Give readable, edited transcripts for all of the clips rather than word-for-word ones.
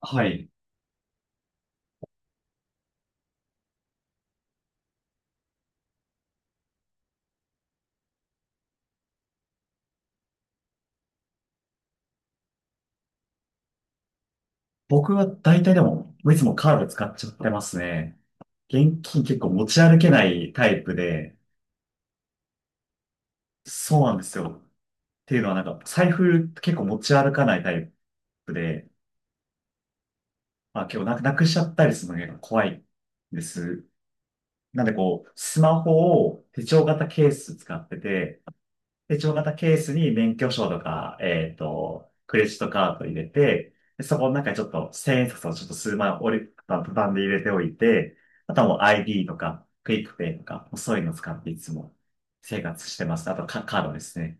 はい。僕は大体でも、いつもカード使っちゃってますね。現金結構持ち歩けないタイプで、そうなんですよ。っていうのはなんか、財布結構持ち歩かないタイプで、まあ結構なくしちゃったりするのが結構怖いんです。なんでこう、スマホを手帳型ケース使ってて、で、一応またケースに免許証とか、クレジットカード入れて、でそこの中にちょっと千円札をちょっと数枚折りたたんで入れておいて、あとはもう ID とか、クイックペイとか、そういうのを使っていつも生活してます。あとカードですね。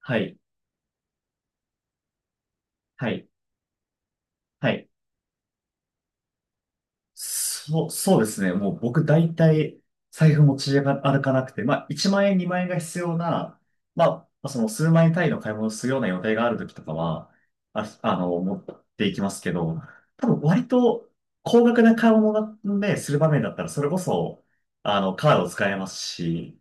はい。はい。はい。そうですね。もう僕大体財布持ち歩かなくて、まあ1万円、2万円が必要な、まあその数万円単位の買い物をするような予定がある時とかは、あの、持っていきますけど、多分割と高額な買い物なんで、する場面だったらそれこそ、あの、カードを使えますし、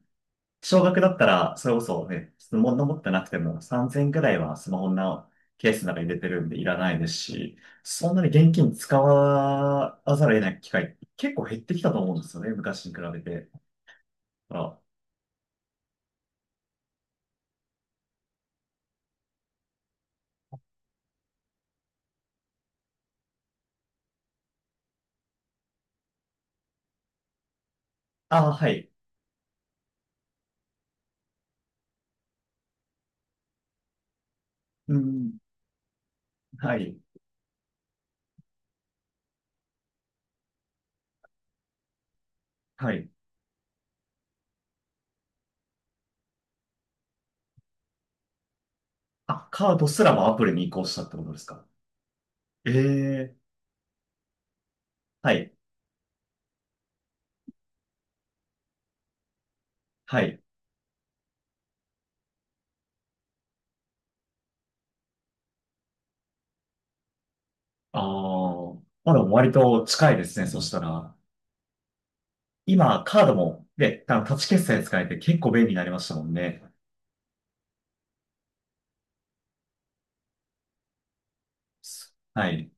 少額だったら、それこそね、物持ってなくても3000ぐらいはスマホのケースの中に入れてるんでいらないですし、そんなに現金使わざるを得ない機会結構減ってきたと思うんですよね、昔に比べて。あ、はい。うん、はい。はい。あ、カードすらもアプリに移行したってことですか？ええ、はい。はい。ああ、まだ割と近いですね、そしたら。今、カードも、ね、あのタッチ決済使えて結構便利になりましたもんね。はい。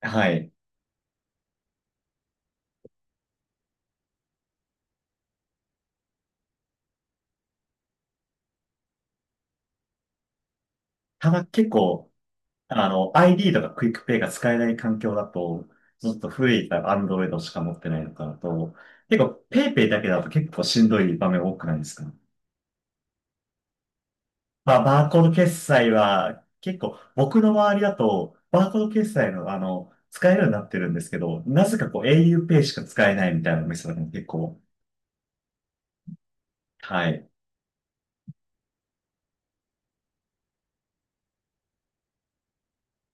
はい。ただ結構、あの、ID とかクイックペイが使えない環境だと、ちょっと古い Android しか持ってないのかなと、結構 PayPay だけだと結構しんどい場面多くないですか？まあ、バーコード決済は結構僕の周りだと、バーコード決済のあの、使えるようになってるんですけど、なぜかこう a u ペイしか使えないみたいなお店が結構、はい。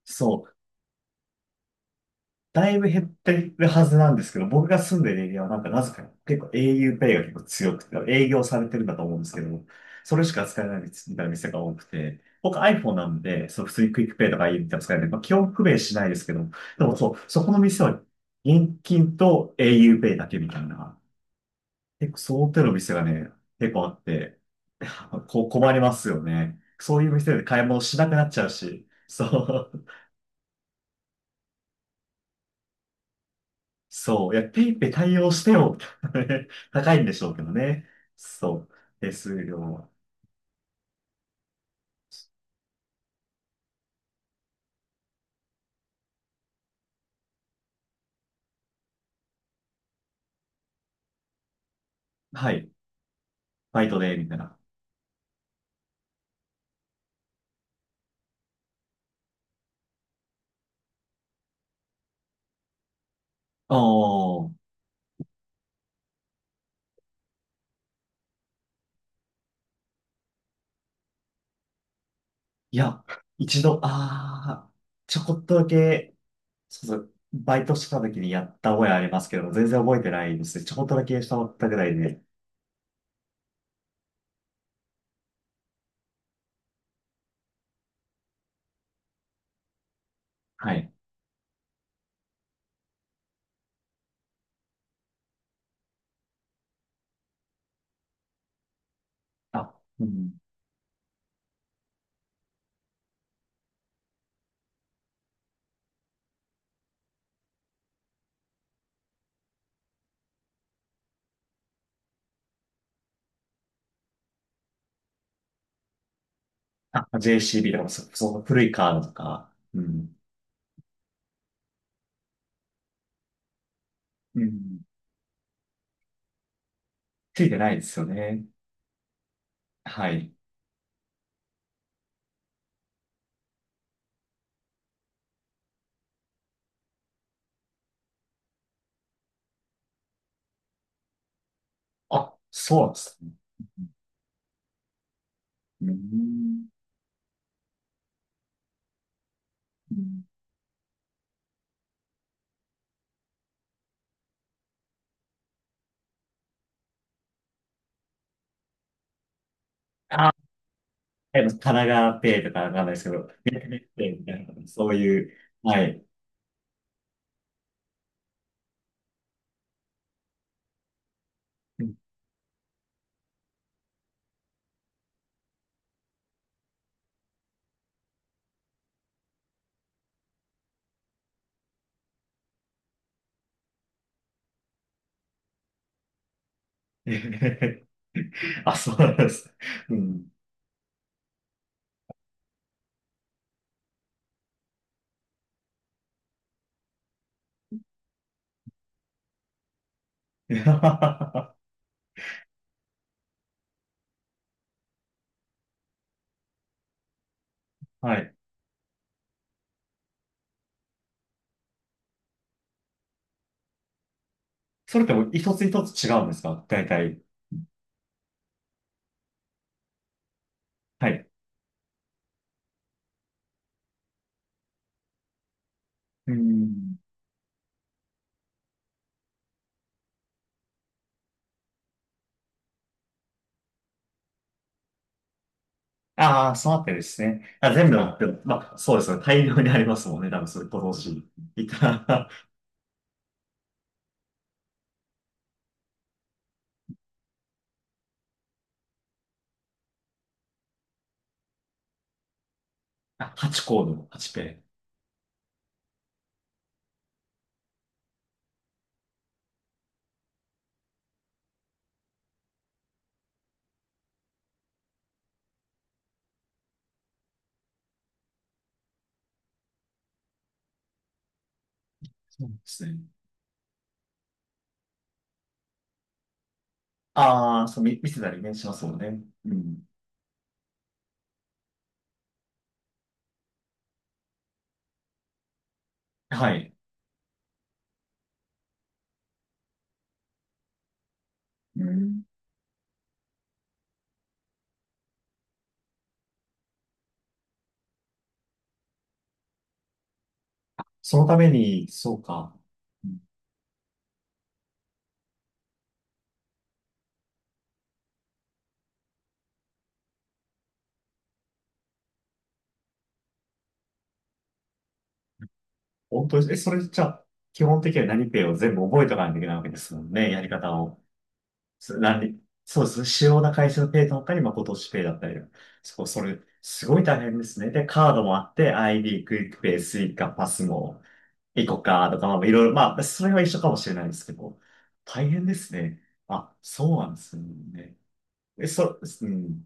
そう。だいぶ減ってるはずなんですけど、僕が住んでるエリアはなんかなぜかね結構 au Pay が結構強くて、営業されてるんだと思うんですけど、それしか使えないみたいな店が多くて、僕 iPhone なんで、そう普通にクイックペイとか u みたいなの使えない、まあ、基本不便しないですけど、でもそう、そこの店は現金と au Pay だけみたいな、結構その手の店がね、結構あって、こう困りますよね。そういう店で買い物しなくなっちゃうし、そう。そう。いや、ペイペイ対応してよ。高いんでしょうけどね。そう。手数料は。はい。バイトで、みたいな。おー。いや、一度、あー、ちょこっとだけ、そうそう、バイトしてた時にやった覚えありますけど、全然覚えてないですね。ちょこっとだけしたったぐらいで。はい。あ、うん。あ、JCB とか、その古いカードとか、うん。うん。ついてないですよね。はい。あ、そうなんですね。うん。あ、神奈川ペイとかわかんないですけど、逆にペイみたいな、そういう、はい。うん。 あ、そうなんです。うん。はい。それってもう一つ一つ違うんですか？大体。はい。うん。ああ、そうなってるですね。あ、全部あっても、まあ、そうですね。大量にありますもんね。多分それ、ご同時いた。あ、8コードの8ペイ。そうですね。ああ、見せたりね、しますもんね。うん。はい。うん。そのために、そうか。うん。本当に、え、それじゃあ、基本的には何ペイを全部覚えとかないといけないわけですもんね。やり方を。す何、そうです。主要な会社のペイとかに、まあ、今年ペイだったり。そこそれ、すごい大変ですね。で、カードもあって、ID、クイックペイ、スイカ、パスも、イコカとか、まあ、いろいろ、まあ、それは一緒かもしれないですけど、大変ですね。あ、そうなんですね。うん。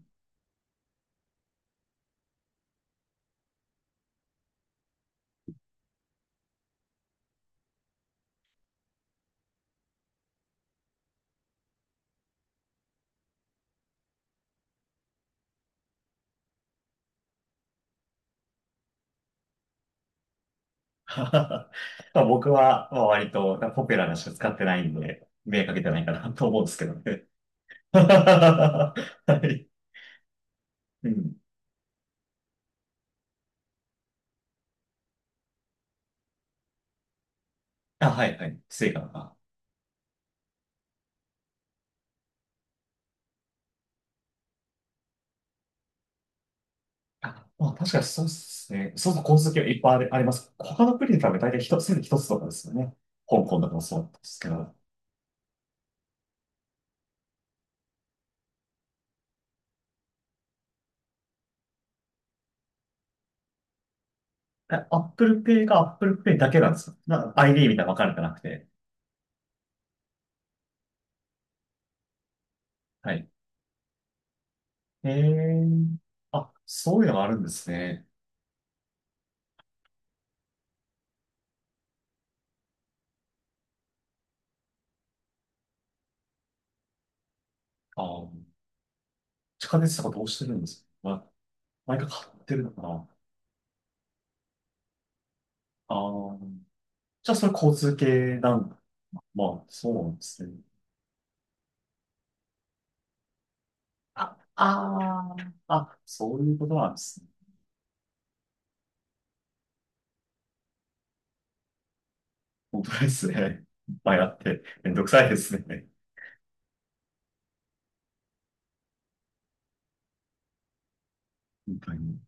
まあ僕は、まあ、割とポピュラーなしか使ってないんで、目かけてないかなと思うんですけどね。はい。うん。あ、はいはい。スイカとか。あ、まあ確かにそうですね。そうそう、交通はいっぱいあり、あります。他の国に比べ大体一つとかですよね。香港とかもそうなんですけど。あ、アップルペイがアップルペイだけなんですよ。な、ID みたいなの分かれてなくて。はい。えー。あ、そういうのがあるんですね。あー、地下鉄とかどうしてるんですか？何か買ってるのかな？ああ、じゃあそれ交通系なんか、まあ、そうなんですね。あ、あーあ、そういうことなんですね。本当ですね。いっぱいあって、めんどくさいですね。本当に。